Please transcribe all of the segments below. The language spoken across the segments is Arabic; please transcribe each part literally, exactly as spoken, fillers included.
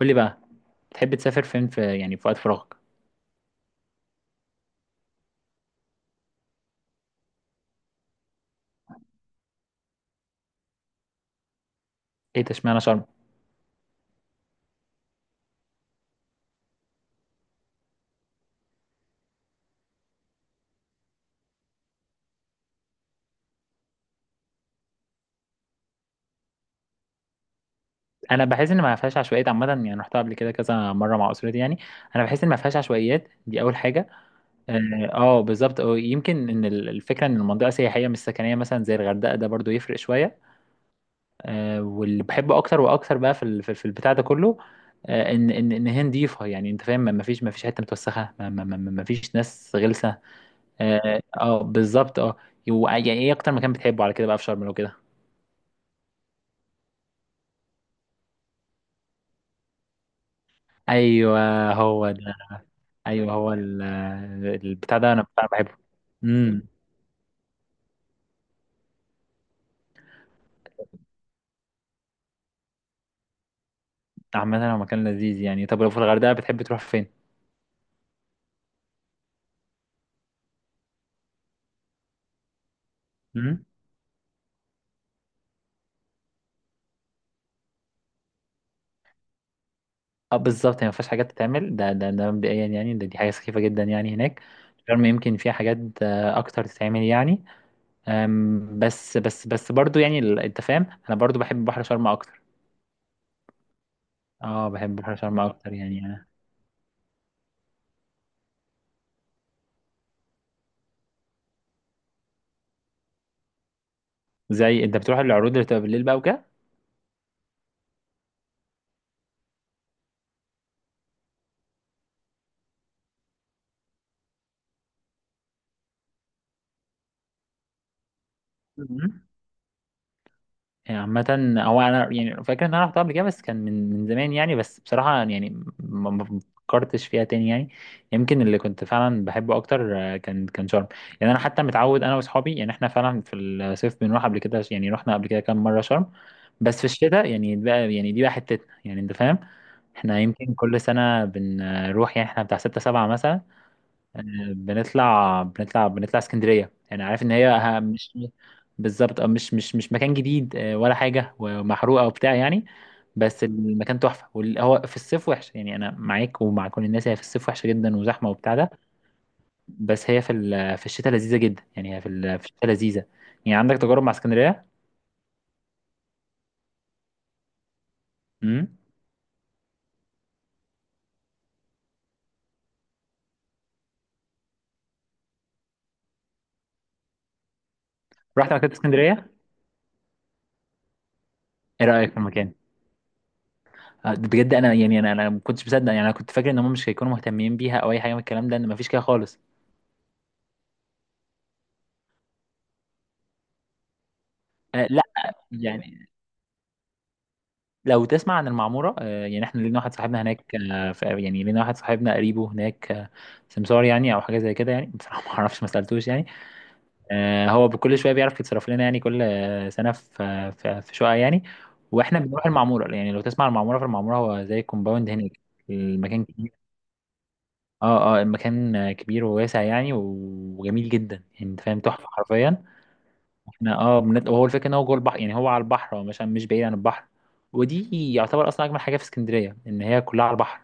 قول لي بقى، تحب تسافر فين في يعني في وقت فراغك؟ ايه ده؟ اشمعنى شرم؟ انا بحس ان ما فيهاش عشوائيات عامه يعني، رحتها قبل كده كذا مره مع اسرتي يعني. انا بحس ان ما فيهاش عشوائيات، دي اول حاجه. اه آه، بالظبط، أو يمكن ان ال- الفكره ان المنطقه سياحيه مش سكنيه، مثلا زي الغردقه ده برضو يفرق شويه. اه، واللي بحبه اكتر واكتر بقى في ال- في في البتاع ده كله. آه، ان ان ان هي نضيفه يعني، انت فاهم، ما ما فيش ما فيش حته متوسخه، ما ما ما ما- ما فيش ناس غلسه. اه آه، بالظبط اه. و- يعني ايه اكتر مكان بتحبه على كده بقى في شرم لو كده؟ ايوه، هو ده. ايوه، هو ال- البتاع ده انا بتاع بحبه. امم. عامة هو مكان لذيذ يعني. طب لو في الغردقة بتحب تروح فين؟ امم. اه بالظبط، هي ما فيهاش حاجات تتعمل، ده ده ده مبدئيا يعني، ده دي حاجة سخيفة جدا يعني هناك. شرم يمكن فيها حاجات آه، اكتر تتعمل يعني. أم، بس بس بس برضو يعني ال- انت فاهم انا برضو بحب بحر شرم اكتر. اه، بحب بحر شرم اكتر يعني انا. زي انت بتروح العروض اللي بتبقى بالليل بقى وكده. يعني عامة هو، أنا يعني فاكر إن أنا رحتها قبل كده بس كان من من زمان يعني، بس بصراحة يعني ما ما فكرتش فيها تاني يعني. يمكن اللي كنت فعلا بحبه أكتر آه، كان كان شرم. يعني أنا حتى متعود أنا وأصحابي يعني، إحنا فعلا في الصيف بنروح قبل كده يعني، رحنا قبل كده كام مرة شرم. بس في الشتاء يعني بقى، يعني دي بقى حتتنا يعني، أنت فاهم. إحنا يمكن كل سنة بنروح يعني، إحنا بتاع ستة سبعة مثلا. آه، بنطلع بنطلع بنطلع اسكندرية يعني، عارف ان هي ه- مش، بالظبط اه، مش مش مش مكان جديد آه، ولا حاجة، ومحروقة وبتاع يعني. بس المكان تحفة، وال- هو في الصيف وحش يعني، انا معاك ومع كل الناس، هي في الصيف وحشة جدا وزحمة وبتاع ده. بس هي في ال- في الشتاء لذيذة جدا يعني، هي في ال- في الشتاء لذيذة. يعني عندك تجارب مع اسكندرية؟ امم. رحت مكتبة اسكندرية؟ ايه رأيك في المكان؟ آه، بجد انا يعني، انا انا ما كنتش مصدق يعني. انا كنت فاكر ان هم مش هيكونوا مهتمين بيها او اي حاجه من الكلام ده، ان ما فيش كده خالص. آه لا. يعني لو تسمع عن المعمورة آه، يعني احنا لينا واحد صاحبنا هناك آه، ف- يعني لينا واحد صاحبنا قريبه هناك آه، سمسار يعني او حاجة زي كده يعني، بصراحة ما اعرفش، ما سألتوش يعني. آه، هو بكل شوية بيعرف يتصرف لنا يعني، كل آه، سنة في في في شقة يعني. واحنا بنروح المعمورة يعني. لو تسمع عن المعمورة، فالمعمورة هو زي كومباوند هناك. المكان كبير. اه اه، المكان آه، كبير وواسع يعني، وجميل جدا يعني، انت فاهم، تحفة حرفيا. احنا اه، بنت... وهو الفكره ان هو جوه البحر يعني، هو على البحر، هو مش مش بعيد عن البحر. ودي يعتبر اصلا اجمل حاجه في اسكندريه، ان هي كلها على البحر.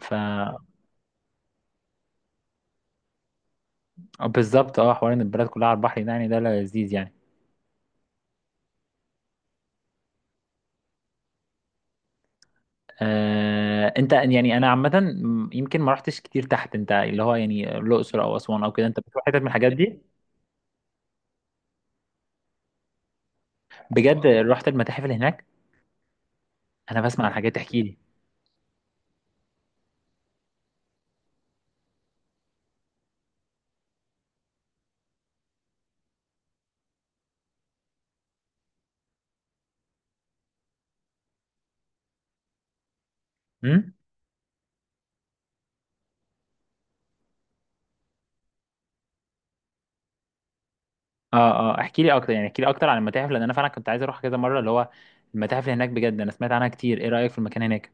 ف بالظبط اه، حوار ان البلد كلها على البحر ده، يعني ده لذيذ يعني. آه، انت يعني انا عامه، م- يمكن ما رحتش كتير تحت، انت اللي هو يعني الاقصر او اسوان او كده، انت بتروح حتت من الحاجات دي؟ بجد، رحت المتاحف اللي هناك؟ انا بسمع عن حاجات، تحكي لي. امم. اه اه، احكي لي اكتر، يعني احكي لي اكتر عن المتاحف، لان انا فعلا كنت عايز اروح كذا مره اللي هو، المتاحف اللي هناك بجد انا سمعت عنها كتير. ايه رايك في المكان هناك؟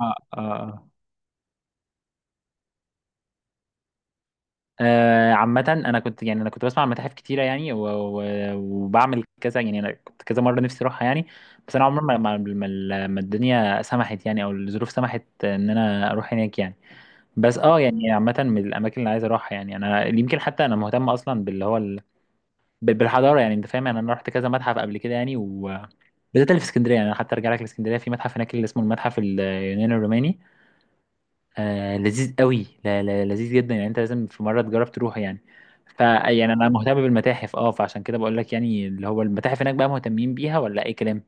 اه اه آه. آه، عامة أنا كنت يعني، أنا كنت بسمع عن متاحف كتيرة يعني، و... و... وبعمل كذا يعني، أنا كنت كذا مرة نفسي أروحها يعني. بس أنا عمري ما ما ما ما الدنيا سمحت يعني، أو الظروف سمحت إن أنا أروح هناك يعني. بس أه، يعني عامة من الأماكن اللي عايز أروحها يعني، أنا يمكن حتى أنا مهتم أصلا باللي هو ال... بال- بالحضارة يعني، أنت فاهم. يعني أنا رحت كذا متحف قبل كده يعني، وبالذات اللي في اسكندرية يعني. أنا حتى أرجع لك لإسكندرية، في متحف هناك اللي اسمه المتحف اليوناني الروماني. آه، لذيذ قوي، لا لا، لذيذ جدا يعني، انت لازم في مره تجرب تروح يعني. فيعني انا مهتم بالمتاحف اه، فعشان كده بقول لك يعني، اللي هو المتاحف هناك بقى مهتمين بيها ولا اي كلام.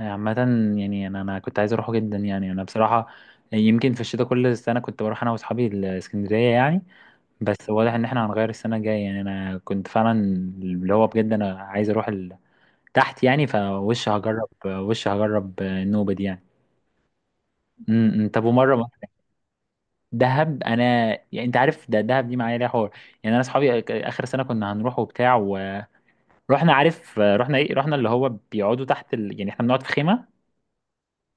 آه، عامه يعني انا انا كنت عايز اروحه جدا يعني، انا بصراحه. يمكن في الشتاء كل سنه كنت بروح انا واصحابي الاسكندريه يعني. بس واضح ان احنا هنغير السنه الجايه يعني، انا كنت فعلا اللي هو بجد انا عايز اروح ال- تحت يعني، فوش هجرب وش هجرب النوبه دي يعني. م- م. طب ومره، دهب انا، يعني انت عارف ده، دهب دي معايا ليها حوار. يعني انا اصحابي أك- اخر سنه كنا هنروح وبتاع، ورحنا. عارف رحنا ايه؟ رحنا اللي هو بيقعدوا تحت ال... يعني احنا بنقعد في خيمه.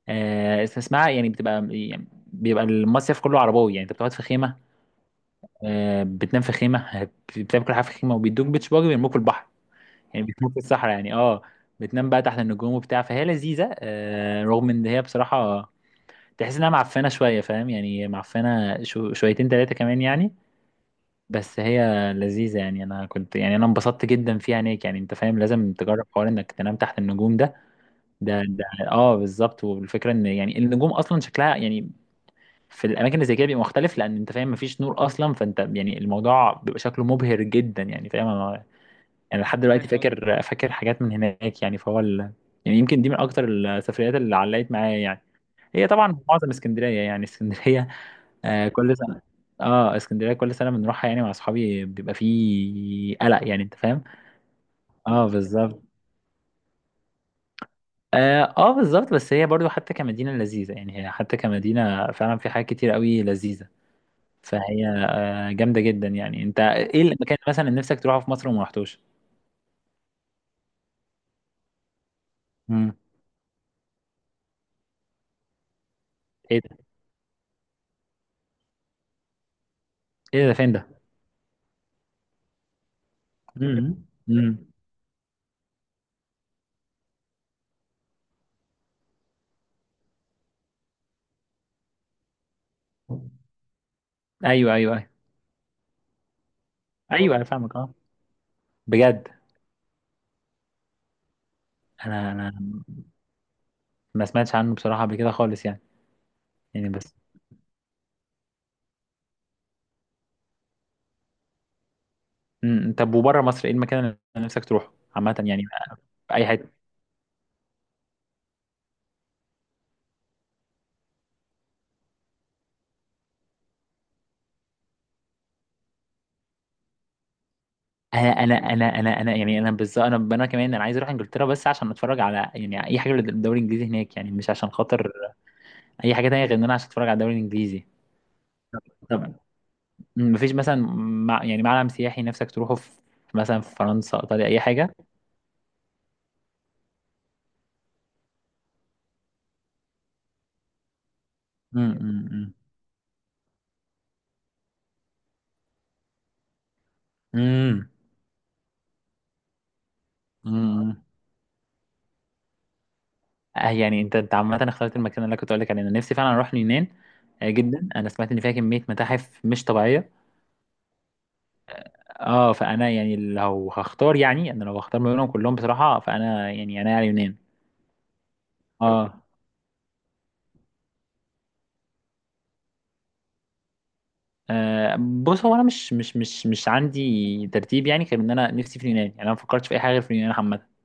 آه اس- اسمها يعني بتبقى، يعني بيبقى المصيف كله عرباوي يعني، انت بتقعد في خيمه، آه، بتنام في خيمه بتعمل كل حاجه في خيمه، وبيدوك بيتش باجي، بيرموك في البحر، يعني بيرموك في الصحراء يعني، اه. بتنام بقى تحت النجوم وبتاع، فهي لذيذه آه، رغم ان هي بصراحه تحس انها معفنه شويه، فاهم يعني، معفنه شو شويتين ثلاثه كمان يعني. بس هي لذيذة يعني، أنا كنت يعني، أنا انبسطت جدا فيها عينيك يعني، أنت فاهم، لازم تجرب حوار إنك تنام تحت النجوم ده. ده ده أه بالظبط، والفكرة إن يعني النجوم أصلا شكلها يعني في الأماكن اللي زي كده بيبقى مختلف، لأن أنت فاهم مفيش نور أصلا، فأنت يعني الموضوع بيبقى شكله مبهر جدا يعني، فاهم أنا؟ يعني لحد دلوقتي ايوه أيوة، فاكر، فاكر حاجات من هناك يعني. فهو ال... يعني يمكن دي من أكتر السفريات اللي علقت معايا يعني. هي طبعا معظم اسكندرية يعني اسكندرية. آه، كل سنة. اه، اسكندرية كل سنة بنروحها يعني، مع اصحابي بيبقى فيه قلق يعني، انت فاهم. اه بالظبط. اه آه، بالظبط. بس هي برضو حتى كمدينة لذيذة يعني، هي حتى كمدينة فعلا في حاجات كتير قوي لذيذة. فهي جامدة جدا يعني. انت ايه المكان مثلا اللي نفسك تروحه في مصر وما رحتوش؟ امم. ايه ده؟ ايه ده؟ فين ده؟ امم امم. ايوه ايوه ايوه. ايوه انا فاهمك اه. بجد، انا انا ما سمعتش عنه بصراحة قبل كده خالص يعني. يعني بس. امم إمم. طب وبره مصر ايه المكان اللي نفسك تروحه عامة يعني؟ في اي حتة؟ انا انا انا انا انا يعني انا بالظبط، انا انا كمان انا عايز اروح انجلترا، بس عشان اتفرج على يعني اي حاجة للدوري الانجليزي هناك يعني، مش عشان خاطر اي حاجة تانية، غير ان انا عشان اتفرج على الدوري الانجليزي. طب، مم، مفيش مثلا مع يعني معلم سياحي نفسك تروحه في، مثلا في فرنسا، ايطاليا، اي حاجة؟ امم امم امم. آه يعني انت، انت عامة اخترت المكان اللي أنا كنت اقول لك عليه، انا نفسي فعلا اروح اليونان. آه، جدا. انا سمعت ان فيها كمية متاحف مش طبيعية. اه، فانا يعني لو هختار، يعني انا لو هختار ما بينهم كلهم بصراحه، فانا يعني انا على اليونان. اه آه، بص هو انا مش مش مش مش عندي ترتيب يعني، غير ان انا نفسي في اليونان يعني، انا ما فكرتش في اي حاجه غير في اليونان عامه